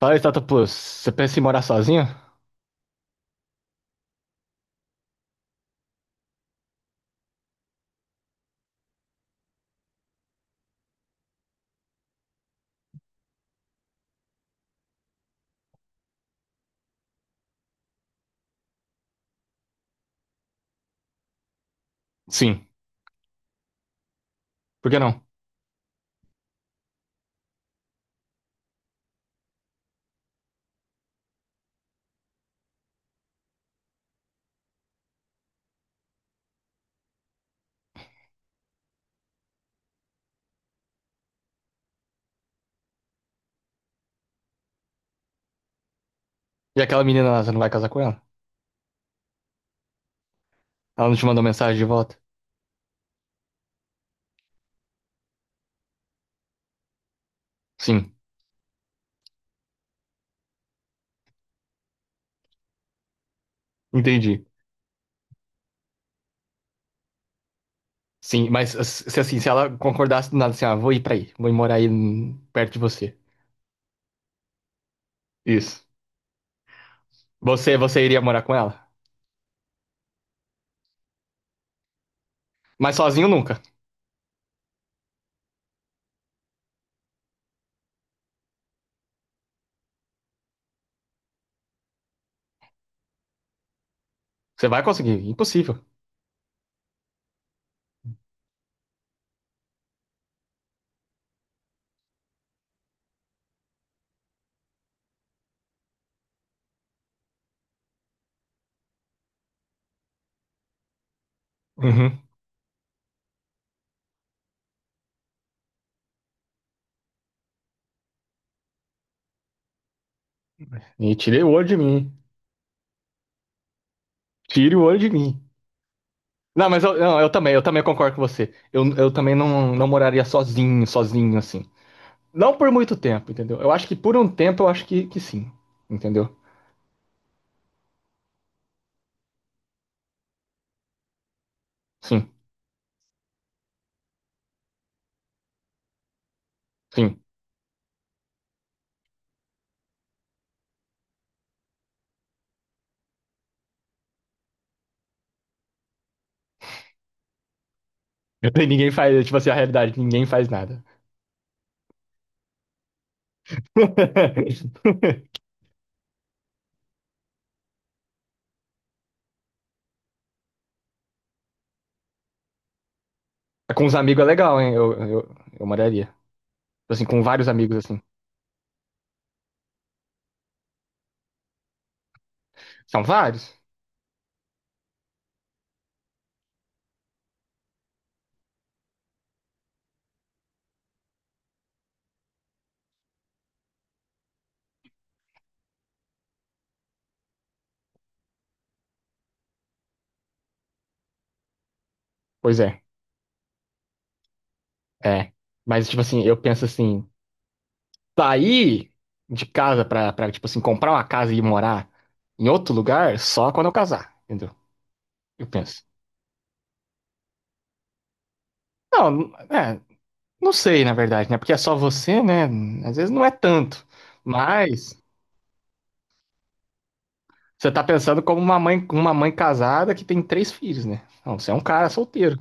Fala, Platypus, você pensa em morar sozinho? Sim. Por que não? E aquela menina lá, você não vai casar com ela? Ela não te mandou mensagem de volta? Sim. Entendi. Sim, mas se assim, se ela concordasse do nada assim, ah, vou ir pra aí, vou ir morar aí perto de você. Isso. Você iria morar com ela? Mas sozinho nunca. Você vai conseguir, impossível. Uhum. E tire o olho de mim. Tire o olho de mim. Não, mas eu, não, eu também concordo com você. Eu também não, não moraria sozinho, sozinho, assim. Não por muito tempo, entendeu? Eu acho que por um tempo eu acho que sim, entendeu? Sim, sim. E ninguém faz, é, tipo assim, a realidade, ninguém faz nada. Com os amigos é legal, hein? Eu moraria. Tipo assim, com vários amigos, assim. São vários? Pois é, é. Mas, tipo assim, eu penso assim, sair de casa pra, pra, tipo assim, comprar uma casa e ir morar em outro lugar só quando eu casar, entendeu? Eu penso. Não, é, não sei, na verdade, né? Porque é só você, né? Às vezes não é tanto. Mas você tá pensando como uma mãe casada que tem 3 filhos, né? Não, você é um cara solteiro.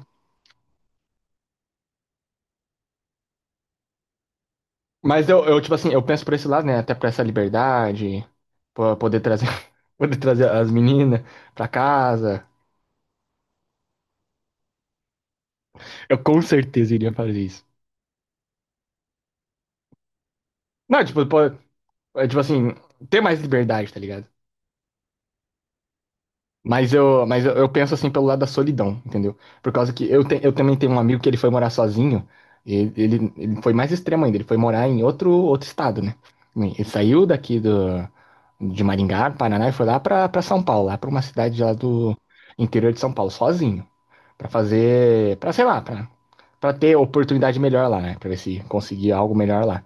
Mas eu, tipo assim, eu penso por esse lado, né? Até por essa liberdade, po- poder trazer, poder trazer as meninas pra casa. Eu com certeza iria fazer isso. Não, tipo, po- é, tipo assim, ter mais liberdade, tá ligado? Mas eu, mas eu penso assim pelo lado da solidão, entendeu? Por causa que eu, te, eu também tenho um amigo que ele foi morar sozinho, e- ele foi mais extremo ainda, ele foi morar em outro, outro estado, né? Ele saiu daqui do, de Maringá, Paraná, e foi lá pra, pra São Paulo, lá pra uma cidade lá do interior de São Paulo, sozinho, pra fazer, pra sei lá, pra, pra ter oportunidade melhor lá, né? Pra ver se conseguia algo melhor lá.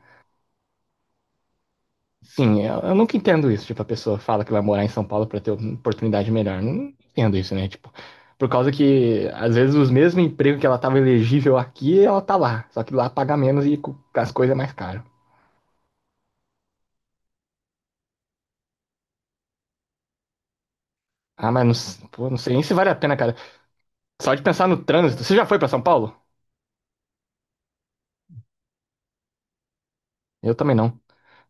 Sim, eu nunca entendo isso. Tipo, a pessoa fala que vai morar em São Paulo para ter uma oportunidade melhor. Não entendo isso, né? Tipo, por causa que, às vezes, os mesmos empregos que ela tava elegível aqui, ela tá lá. Só que lá paga menos e co- as coisas é mais caro. Ah, mas não, s- pô, não sei nem se vale a pena, cara. Só de pensar no trânsito. Você já foi para São Paulo? Eu também não.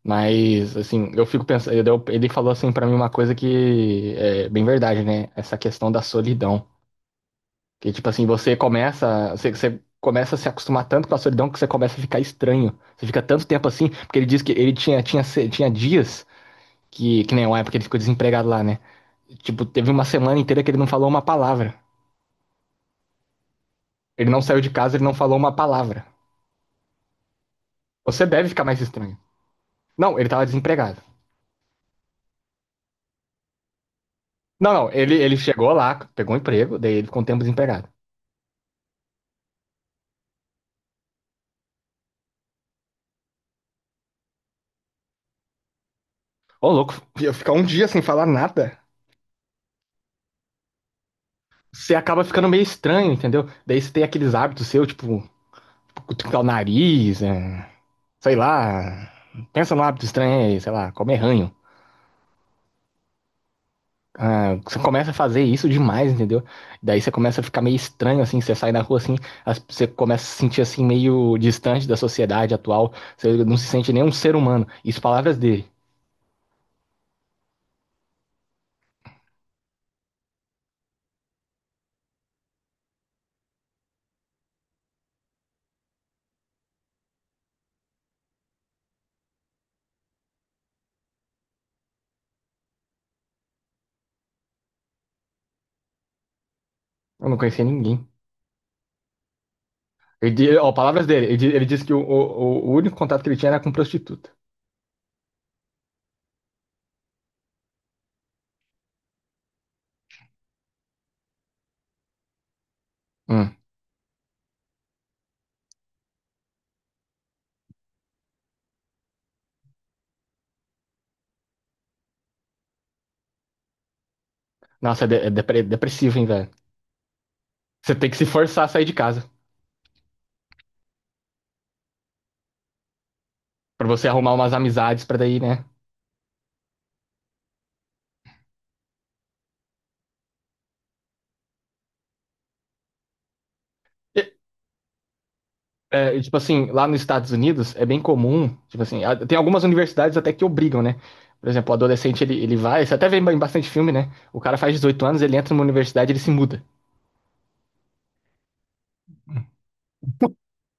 Mas, assim, eu fico pensando. Eu- Ele falou, assim, para mim uma coisa que é bem verdade, né? Essa questão da solidão. Que tipo assim, você começa, você, você começa a se acostumar tanto com a solidão que você começa a ficar estranho. Você fica tanto tempo assim, porque ele diz que ele tinha se- tinha dias que nem uma época ele ficou desempregado lá, né? Tipo, teve uma semana inteira que ele não falou uma palavra. Ele não saiu de casa, ele não falou uma palavra. Você deve ficar mais estranho. Não, ele tava desempregado. Não, não, ele chegou lá, pegou um emprego, daí ele ficou um tempo desempregado. Ô, louco, ia ficar um dia sem falar nada. Você acaba ficando meio estranho, entendeu? Daí você tem aqueles hábitos seus, tipo, cutucar o nariz, é, sei lá. Pensa num hábito estranho aí, sei lá, comer ranho. Ah, você começa a fazer isso demais, entendeu? Daí você começa a ficar meio estranho, assim, você sai na rua assim, as- você começa a se sentir assim, meio distante da sociedade atual, você não se sente nem um ser humano. Isso palavras dele. Eu não conhecia ninguém. Ele, di- ó, palavras dele, ele, di- ele disse que o único contato que ele tinha era com prostituta. Hum. Nossa, é, de- é depre- depressivo, hein, velho? Você tem que se forçar a sair de casa. Pra você arrumar umas amizades pra daí, né? É, e, tipo assim, lá nos Estados Unidos é bem comum, tipo assim, a- tem algumas universidades até que obrigam, né? Por exemplo, o adolescente ele, ele vai, você até vê em bastante filme, né? O cara faz 18 anos, ele entra numa universidade, ele se muda.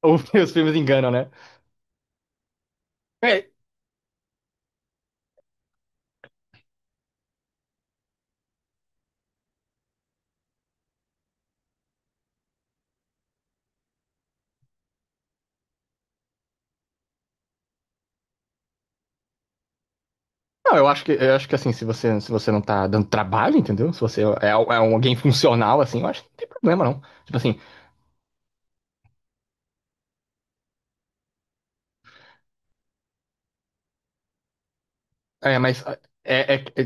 Ou os filmes enganam, né? É, não, eu acho que assim, se você se você não tá dando trabalho, entendeu? Se você é, é um- alguém funcional assim, eu acho que não tem problema não. Tipo assim, é, mas é, é- é-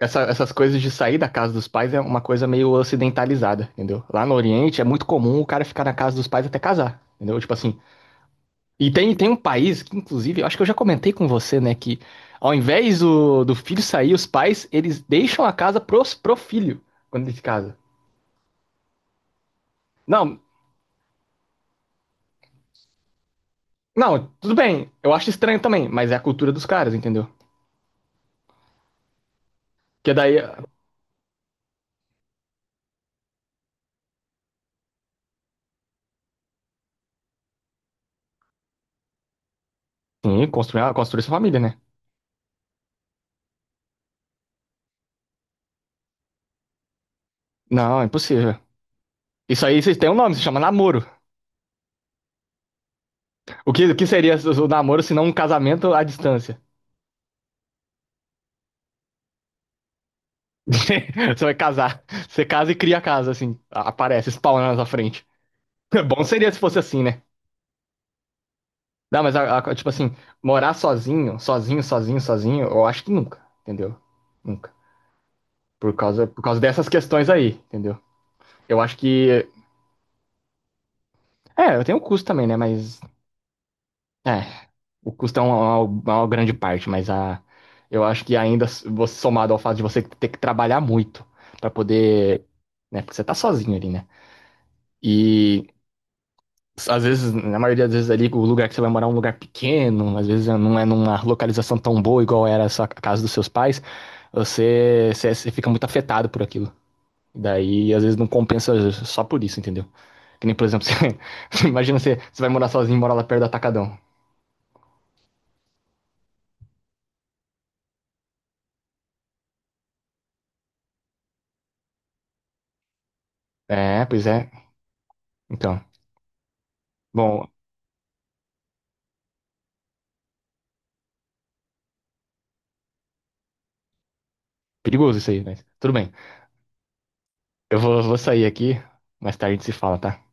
essa- essas coisas de sair da casa dos pais é uma coisa meio ocidentalizada, entendeu? Lá no Oriente é muito comum o cara ficar na casa dos pais até casar. Entendeu? Tipo assim, e tem, tem um país que, inclusive, eu acho que eu já comentei com você, né, que ao invés do, do filho sair, os pais, eles deixam a casa pros, pro filho quando ele se casa. Não, não, tudo bem, eu acho estranho também, mas é a cultura dos caras, entendeu? Que daí, sim, construir, ah, construir sua família, né? Não, é impossível. Isso aí, vocês têm um nome, se chama namoro. O que seria o namoro se não um casamento à distância? Você vai casar, você casa e cria a casa, assim, aparece, spawn na sua frente. Bom seria se fosse assim, né? Não, mas, a- tipo assim, morar sozinho, sozinho, sozinho, sozinho, eu acho que nunca, entendeu? Nunca. Por causa dessas questões aí, entendeu? Eu acho que. É, eu tenho o custo também, né? Mas. É. O custo é uma grande parte, mas a. Eu acho que ainda, s- você somado ao fato de você ter que trabalhar muito pra poder. Né? Porque você tá sozinho ali, né? E. Às vezes, na maioria das vezes ali, o lugar que você vai morar é um lugar pequeno, às vezes não é numa localização tão boa igual era a sua- a casa dos seus pais, você, você, você fica muito afetado por aquilo. Daí, às vezes, não compensa só por isso, entendeu? Que nem, por exemplo, você, você imagina você, você vai morar sozinho e mora lá perto do Atacadão. É, pois é. Então, bom, perigoso isso aí, mas tudo bem. Eu vou, vou sair aqui, mais tarde a gente se fala, tá?